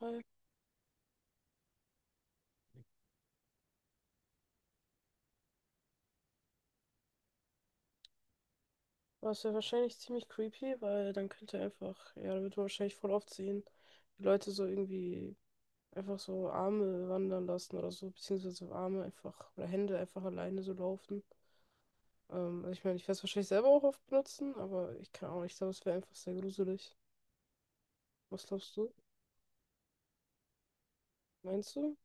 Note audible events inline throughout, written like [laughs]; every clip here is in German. Hi. Was ja wahrscheinlich ziemlich creepy, weil dann könnte er einfach, ja, dann wird man wahrscheinlich voll oft sehen, wie Leute so irgendwie einfach so Arme wandern lassen oder so, beziehungsweise Arme einfach oder Hände einfach alleine so laufen. Also ich meine, ich werde es wahrscheinlich selber auch oft benutzen, aber ich kann auch nicht, ich glaube, es wäre einfach sehr gruselig. Was glaubst du? Meinst du?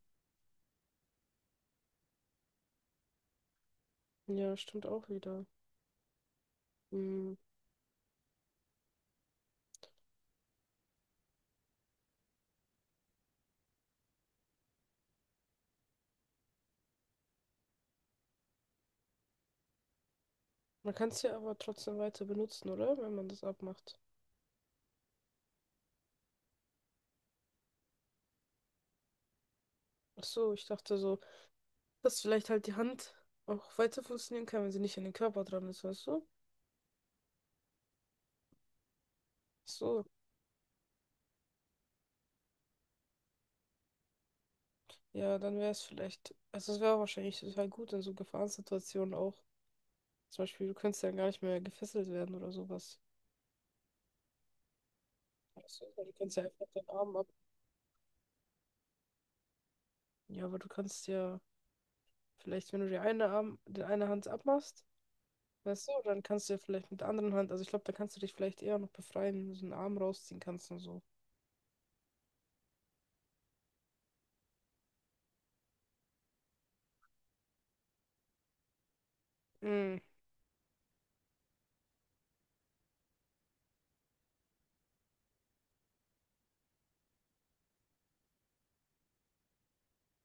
Ja, stimmt auch wieder. Hm. Man kann es ja aber trotzdem weiter benutzen, oder? Wenn man das abmacht. Ach so, ich dachte so. Dass vielleicht halt die Hand auch weiter funktionieren kann, wenn sie nicht an den Körper dran ist, weißt du? So, ja, dann wäre es vielleicht, also es wäre wahrscheinlich total gut in so Gefahrensituationen auch. Zum Beispiel, du könntest ja gar nicht mehr gefesselt werden oder sowas. Weißt du, weil du kannst ja einfach deinen Arm ab. Ja, aber du kannst ja vielleicht, wenn du die eine Arm, die eine Hand abmachst, weißt du, dann kannst du ja vielleicht mit der anderen Hand, also ich glaube, da kannst du dich vielleicht eher noch befreien, wenn du so einen Arm rausziehen kannst und so. Mm,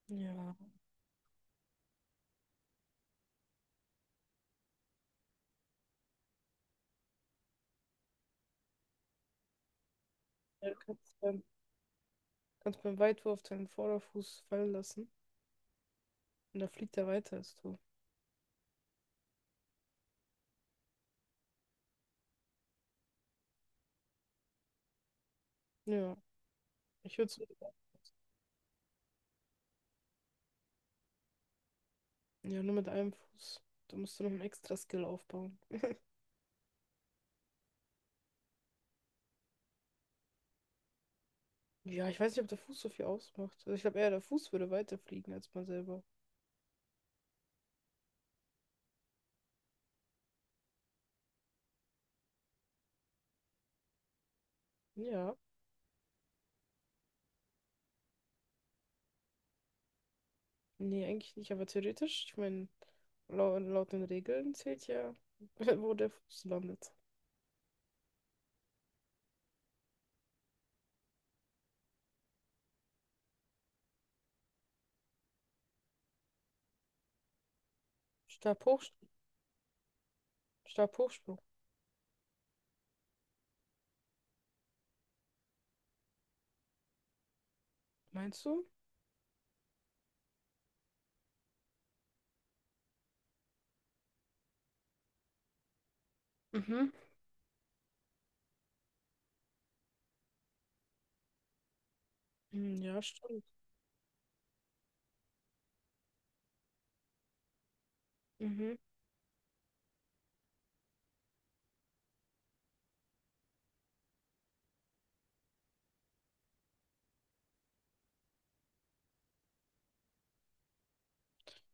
ja. Ja, du kannst beim Weitwurf deinen Vorderfuß fallen lassen. Und da fliegt er weiter als du. Ja, ich würde Ja, nur mit einem Fuß. Da musst du noch einen extra Skill aufbauen. Ja, ich weiß nicht, ob der Fuß so viel ausmacht. Also ich glaube eher, der Fuß würde weiterfliegen als man selber. Ja. Nee, eigentlich nicht, aber theoretisch, ich meine, laut den Regeln zählt ja, [laughs] wo der Fuß landet. Stabhoch, Stabhochsprung. Meinst du? Mhm. Hm, ja, stimmt. Mhm.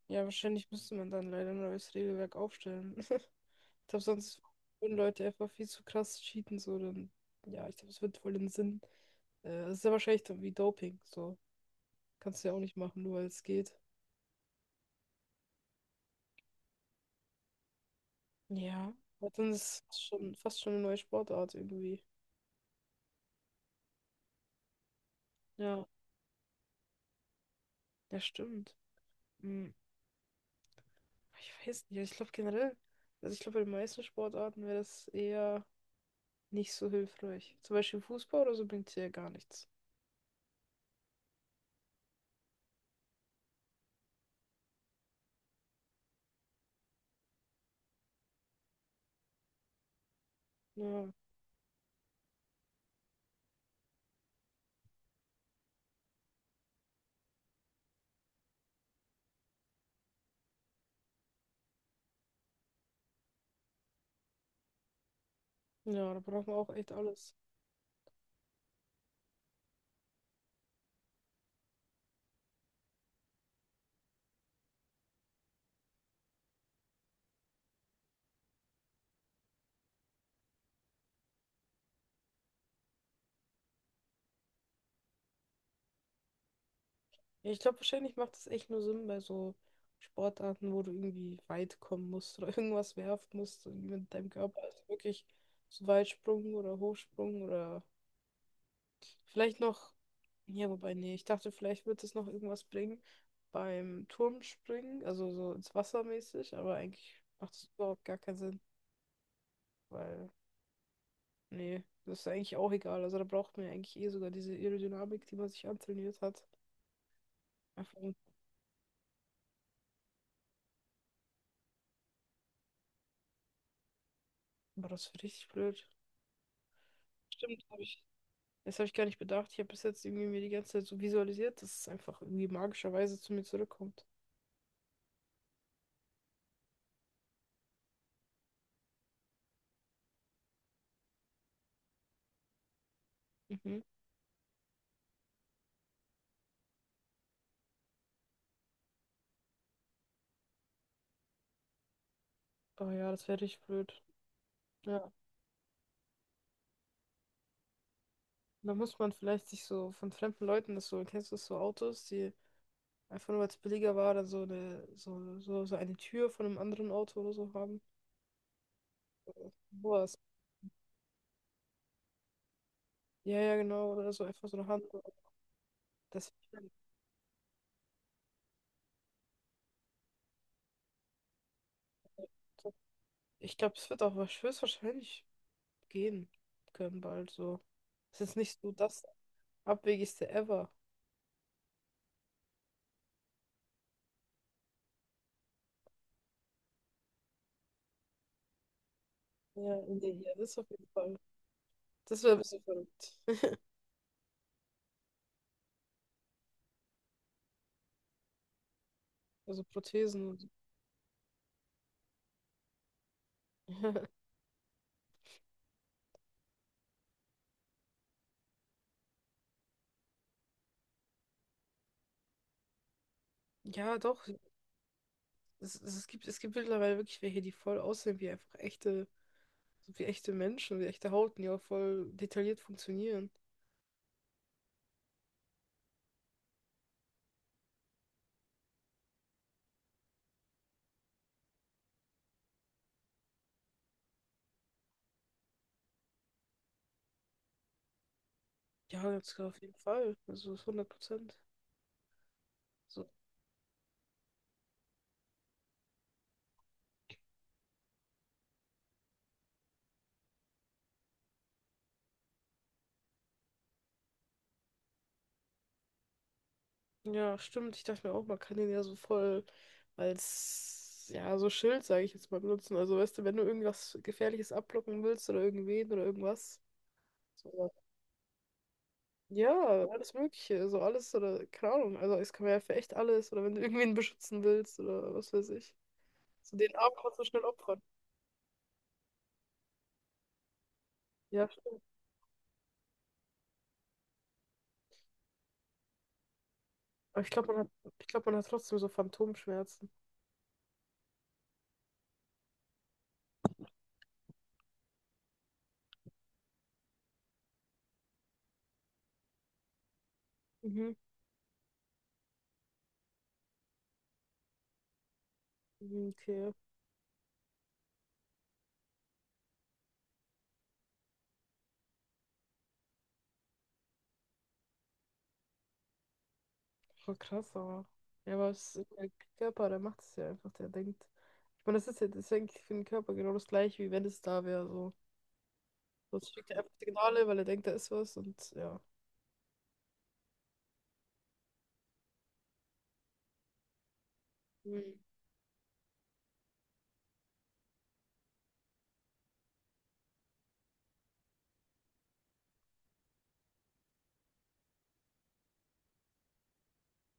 Ja, wahrscheinlich müsste man dann leider ein neues Regelwerk aufstellen. [laughs] Ich glaube, sonst würden Leute einfach viel zu krass cheaten, so dann. Ja, ich glaube, es wird voll den Sinn. Es ist ja wahrscheinlich dann wie Doping, so. Kannst du ja auch nicht machen, nur weil es geht. Ja. Aber dann ist es schon fast schon eine neue Sportart irgendwie. Ja. Ja, stimmt. Hm, ich weiß nicht, ich glaube generell, also ich glaube, bei den meisten Sportarten wäre das eher nicht so hilfreich. Zum Beispiel Fußball oder so bringt es ja gar nichts. Ja, ja, da braucht man auch echt alles. Ja, ich glaube, wahrscheinlich macht es echt nur Sinn bei so Sportarten, wo du irgendwie weit kommen musst oder [laughs] irgendwas werfen musst, so irgendwie mit deinem Körper. Also wirklich so Weitsprung oder Hochsprung oder vielleicht noch, ja, wobei, nee, ich dachte, vielleicht wird es noch irgendwas bringen beim Turmspringen, also so ins Wasser mäßig, aber eigentlich macht es überhaupt gar keinen Sinn, weil, nee, das ist eigentlich auch egal. Also da braucht man ja eigentlich eh sogar diese Aerodynamik, die man sich antrainiert hat. Einfach, aber das ist richtig blöd. Stimmt, habe ich. Das habe ich gar nicht bedacht. Ich habe bis jetzt irgendwie mir die ganze Zeit so visualisiert, dass es einfach irgendwie magischerweise zu mir zurückkommt. Mhm. Oh ja, das wäre richtig blöd. Ja. Da muss man vielleicht sich so von fremden Leuten das so, kennst du das so Autos, die einfach nur weil es billiger war, dann so so eine Tür von einem anderen Auto oder so haben. Sowas. Ja, genau. Oder so einfach so eine Hand. Das, ich glaube, es wird auch höchstwahrscheinlich gehen können bald so. Es ist nicht so das Abwegigste ever. Ja, das auf jeden Fall. Das wäre ein bisschen verrückt. Also Prothesen und so. [laughs] Ja, doch. Es gibt mittlerweile wirklich welche, die voll aussehen wie einfach echte, wie echte Menschen, wie echte Haut, die auch voll detailliert funktionieren. Ja, das auf jeden Fall. Also das 100%. So. Ja, stimmt. Ich dachte mir auch, man kann den ja so voll als, ja, so Schild, sage ich jetzt mal, benutzen. Also, weißt du, wenn du irgendwas Gefährliches abblocken willst oder irgendwen oder irgendwas. So. Ja, alles Mögliche, so alles oder keine Ahnung. Also, es kann man ja für echt alles oder wenn du irgendwen beschützen willst oder was weiß ich. So den Arm kannst du schnell opfern. Ja, stimmt. Aber ich glaube, man hat trotzdem so Phantomschmerzen. Mhm. Mhm. Okay, voll krass, aber. Ja, aber es ist der Körper, der macht es ja einfach, der denkt. Ich meine, das ist ja eigentlich für den Körper genau das gleiche, wie wenn es da wäre. So. Sonst schickt er einfach Signale, weil er denkt, da ist was und ja. Mhm.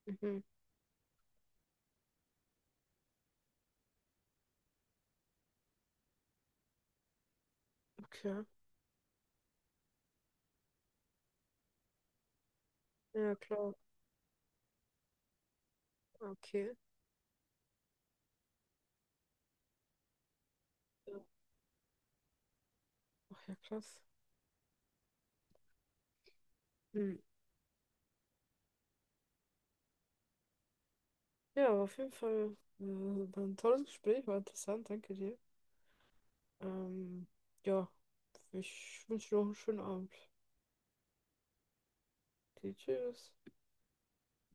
Mhm. Okay. Ja, klar. Okay. Ja. Ach ja, krass. Hm. Ja, aber auf jeden Fall war ein tolles Gespräch, war interessant, danke dir. Ähm, ja, ich wünsche dir noch einen schönen Abend. Okay, tschüss.